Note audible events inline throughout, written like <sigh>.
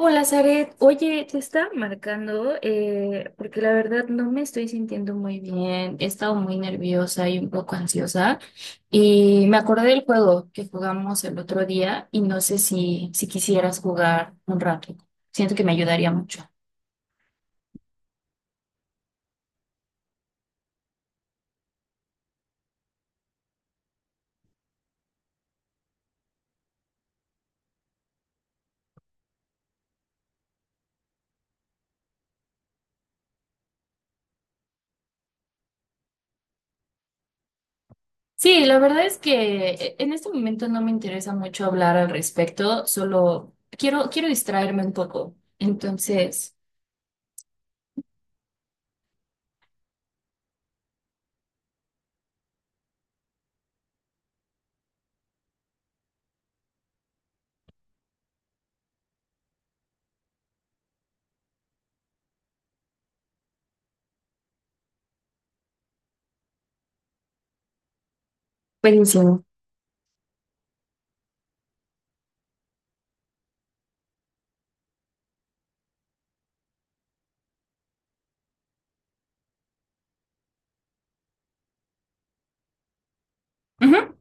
Hola, Zaret. Oye, te estaba marcando porque la verdad no me estoy sintiendo muy bien. He estado muy nerviosa y un poco ansiosa. Y me acordé del juego que jugamos el otro día y no sé si quisieras jugar un rato. Siento que me ayudaría mucho. Sí, la verdad es que en este momento no me interesa mucho hablar al respecto, solo quiero distraerme un poco. Entonces, buenísimo. Ujú.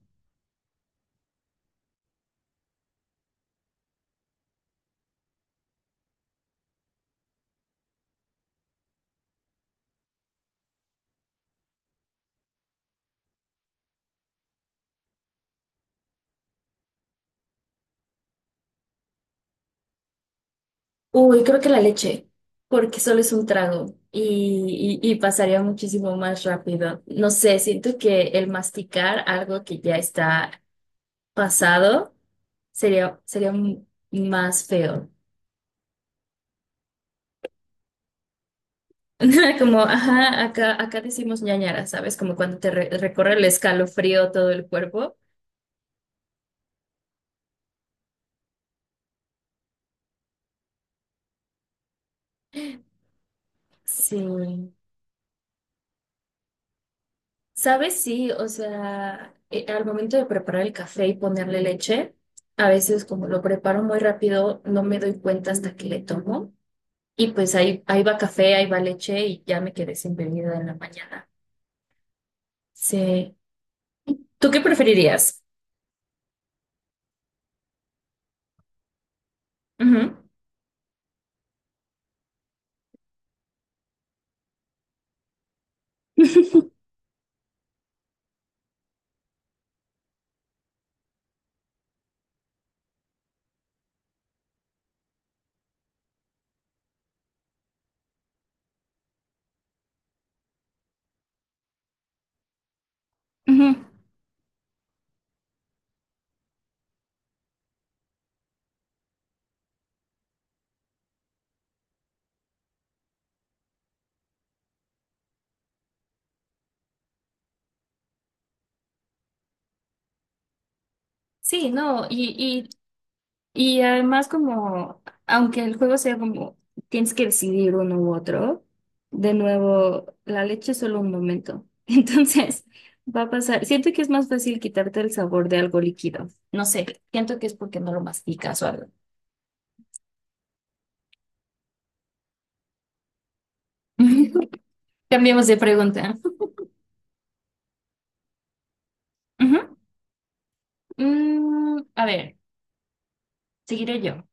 Uy, creo que la leche, porque solo es un trago y pasaría muchísimo más rápido. No sé, siento que el masticar algo que ya está pasado sería más feo. <laughs> Como, ajá, acá decimos ñañara, ¿sabes? Como cuando te recorre el escalofrío todo el cuerpo. Sí. ¿Sabes? Sí, o sea, al momento de preparar el café y ponerle leche, a veces como lo preparo muy rápido, no me doy cuenta hasta que le tomo. Y pues ahí va café, ahí va leche y ya me quedé sin bebida en la mañana. Sí. ¿Tú qué preferirías? Ujú. <laughs> Ujú. Sí, no, y además como, aunque el juego sea como, tienes que decidir uno u otro, de nuevo, la leche es solo un momento. <laughs> Entonces, va a pasar. Siento que es más fácil quitarte el sabor de algo líquido. No sé, siento que es porque no lo masticas o algo. <laughs> Cambiemos de pregunta. Ujú. A ver, seguiré yo.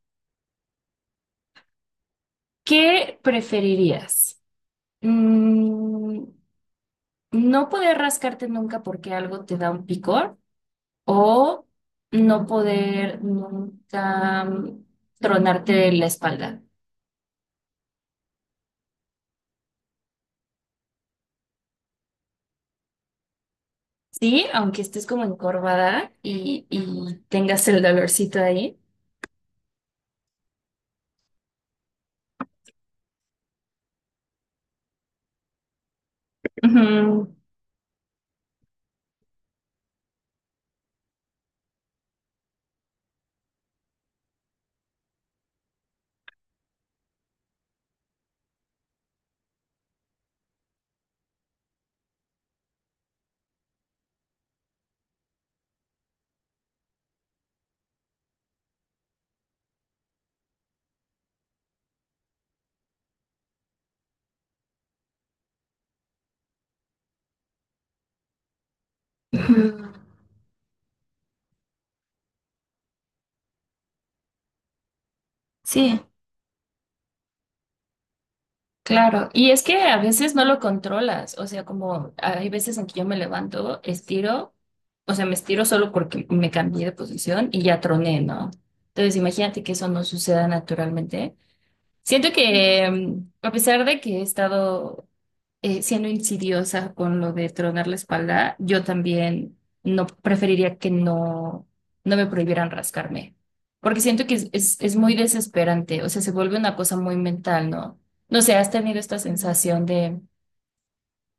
¿Qué preferirías? Mm, ¿No poder rascarte nunca porque algo te da un picor? O no poder nunca tronarte la espalda. Sí, aunque estés como encorvada y tengas el dolorcito ahí. Ujú, ujú. Sí, claro. Y es que a veces no lo controlas. O sea, como hay veces en que yo me levanto, estiro, o sea, me estiro solo porque me cambié de posición y ya troné, ¿no? Entonces, imagínate que eso no suceda naturalmente. Siento que, a pesar de que he estado siendo insidiosa con lo de tronar la espalda, yo también no preferiría que no, no me prohibieran rascarme, porque siento que es muy desesperante, o sea, se vuelve una cosa muy mental, ¿no? No sé, has tenido esta sensación de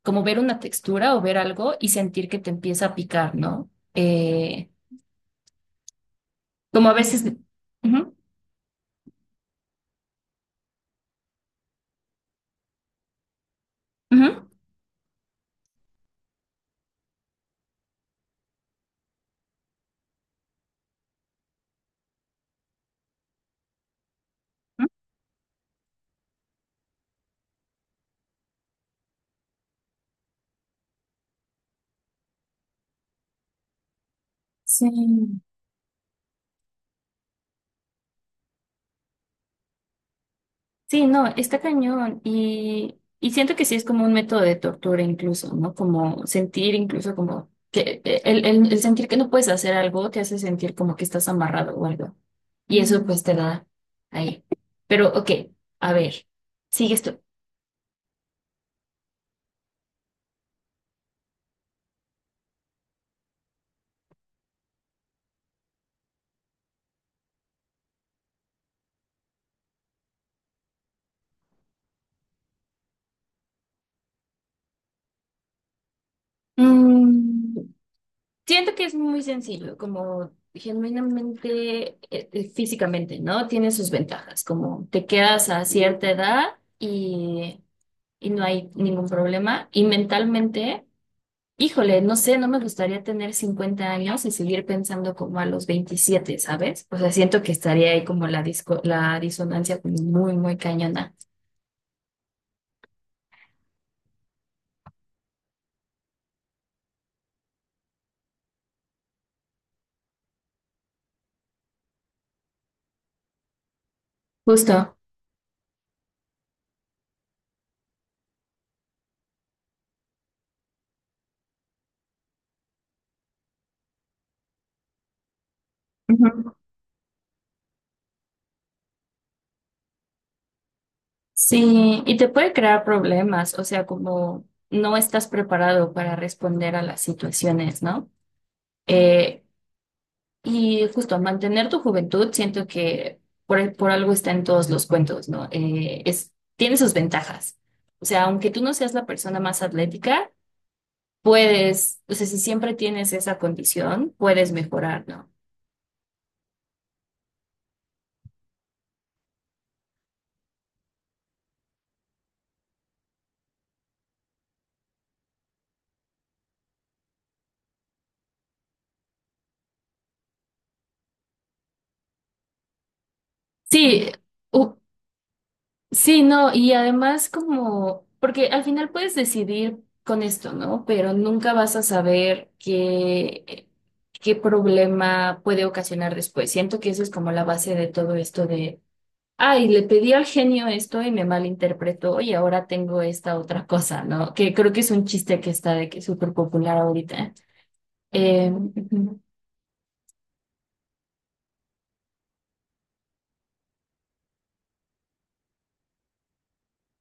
como ver una textura o ver algo y sentir que te empieza a picar, ¿no? Como a veces... Ujú, ujú, ujú. Sí. Sí, no, está cañón y siento que sí es como un método de tortura incluso, ¿no? Como sentir incluso como que el sentir que no puedes hacer algo te hace sentir como que estás amarrado o algo. Y eso pues te da ahí. Pero ok, a ver, sigues tú. Mm, siento que es muy sencillo, como genuinamente, físicamente, ¿no? Tiene sus ventajas, como te quedas a cierta edad y y no hay ningún problema. Y mentalmente, híjole, no sé, no me gustaría tener 50 años y seguir pensando como a los veintisiete, ¿sabes? O sea, siento que estaría ahí como la la disonancia como muy, muy cañona. Justo. Ujú. Sí, y te puede crear problemas, o sea, como no estás preparado para responder a las situaciones, ¿no? Eh, y justo mantener tu juventud, siento que por algo está en todos los cuentos, ¿no? Es, tiene sus ventajas. O sea, aunque tú no seas la persona más atlética, puedes, o sea, si siempre tienes esa condición, puedes mejorar, ¿no? Sí, u- sí, no, y además como, porque al final puedes decidir con esto, ¿no? Pero nunca vas a saber qué, qué problema puede ocasionar después. Siento que eso es como la base de todo esto de: Ay, le pedí al genio esto y me malinterpretó y ahora tengo esta otra cosa, ¿no? Que creo que es un chiste que está de que súper popular ahorita. Ujú.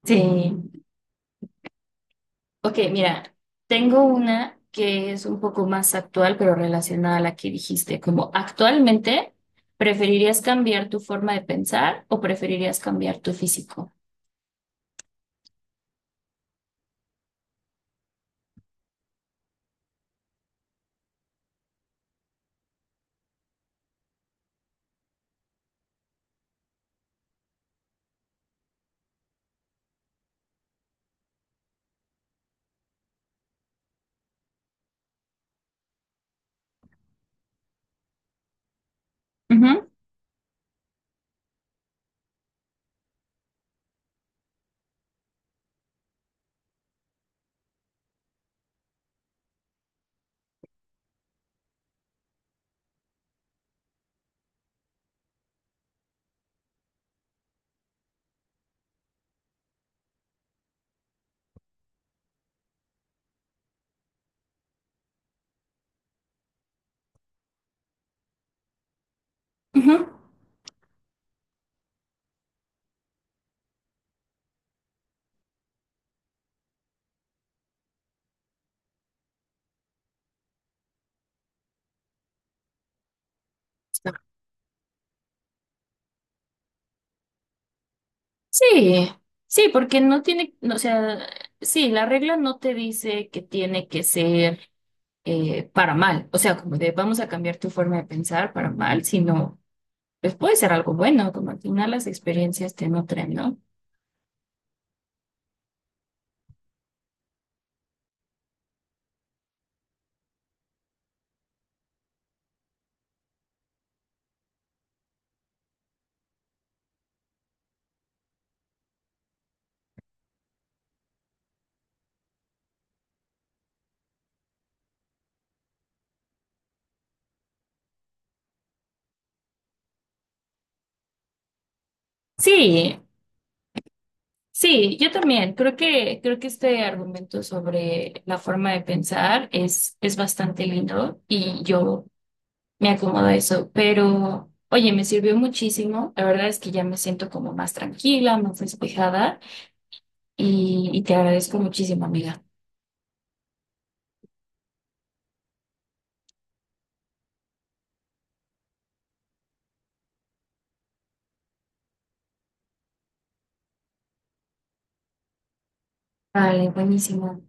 Sí. Ok, mira, tengo una que es un poco más actual, pero relacionada a la que dijiste, como actualmente, ¿preferirías cambiar tu forma de pensar o preferirías cambiar tu físico? Ujú, ujú. Sí, sí, porque no tiene, no, o sea, sí, la regla no te dice que tiene que ser para mal, o sea, como de vamos a cambiar tu forma de pensar para mal, sino pues puede ser algo bueno, como al final las experiencias te nutren, ¿no? Sí, sí, yo también creo que este argumento sobre la forma de pensar es bastante lindo y yo me acomoda eso, pero oye, me sirvió muchísimo. La verdad es que ya me siento como más tranquila, más despejada y te agradezco muchísimo, amiga. Vale, buenísimo.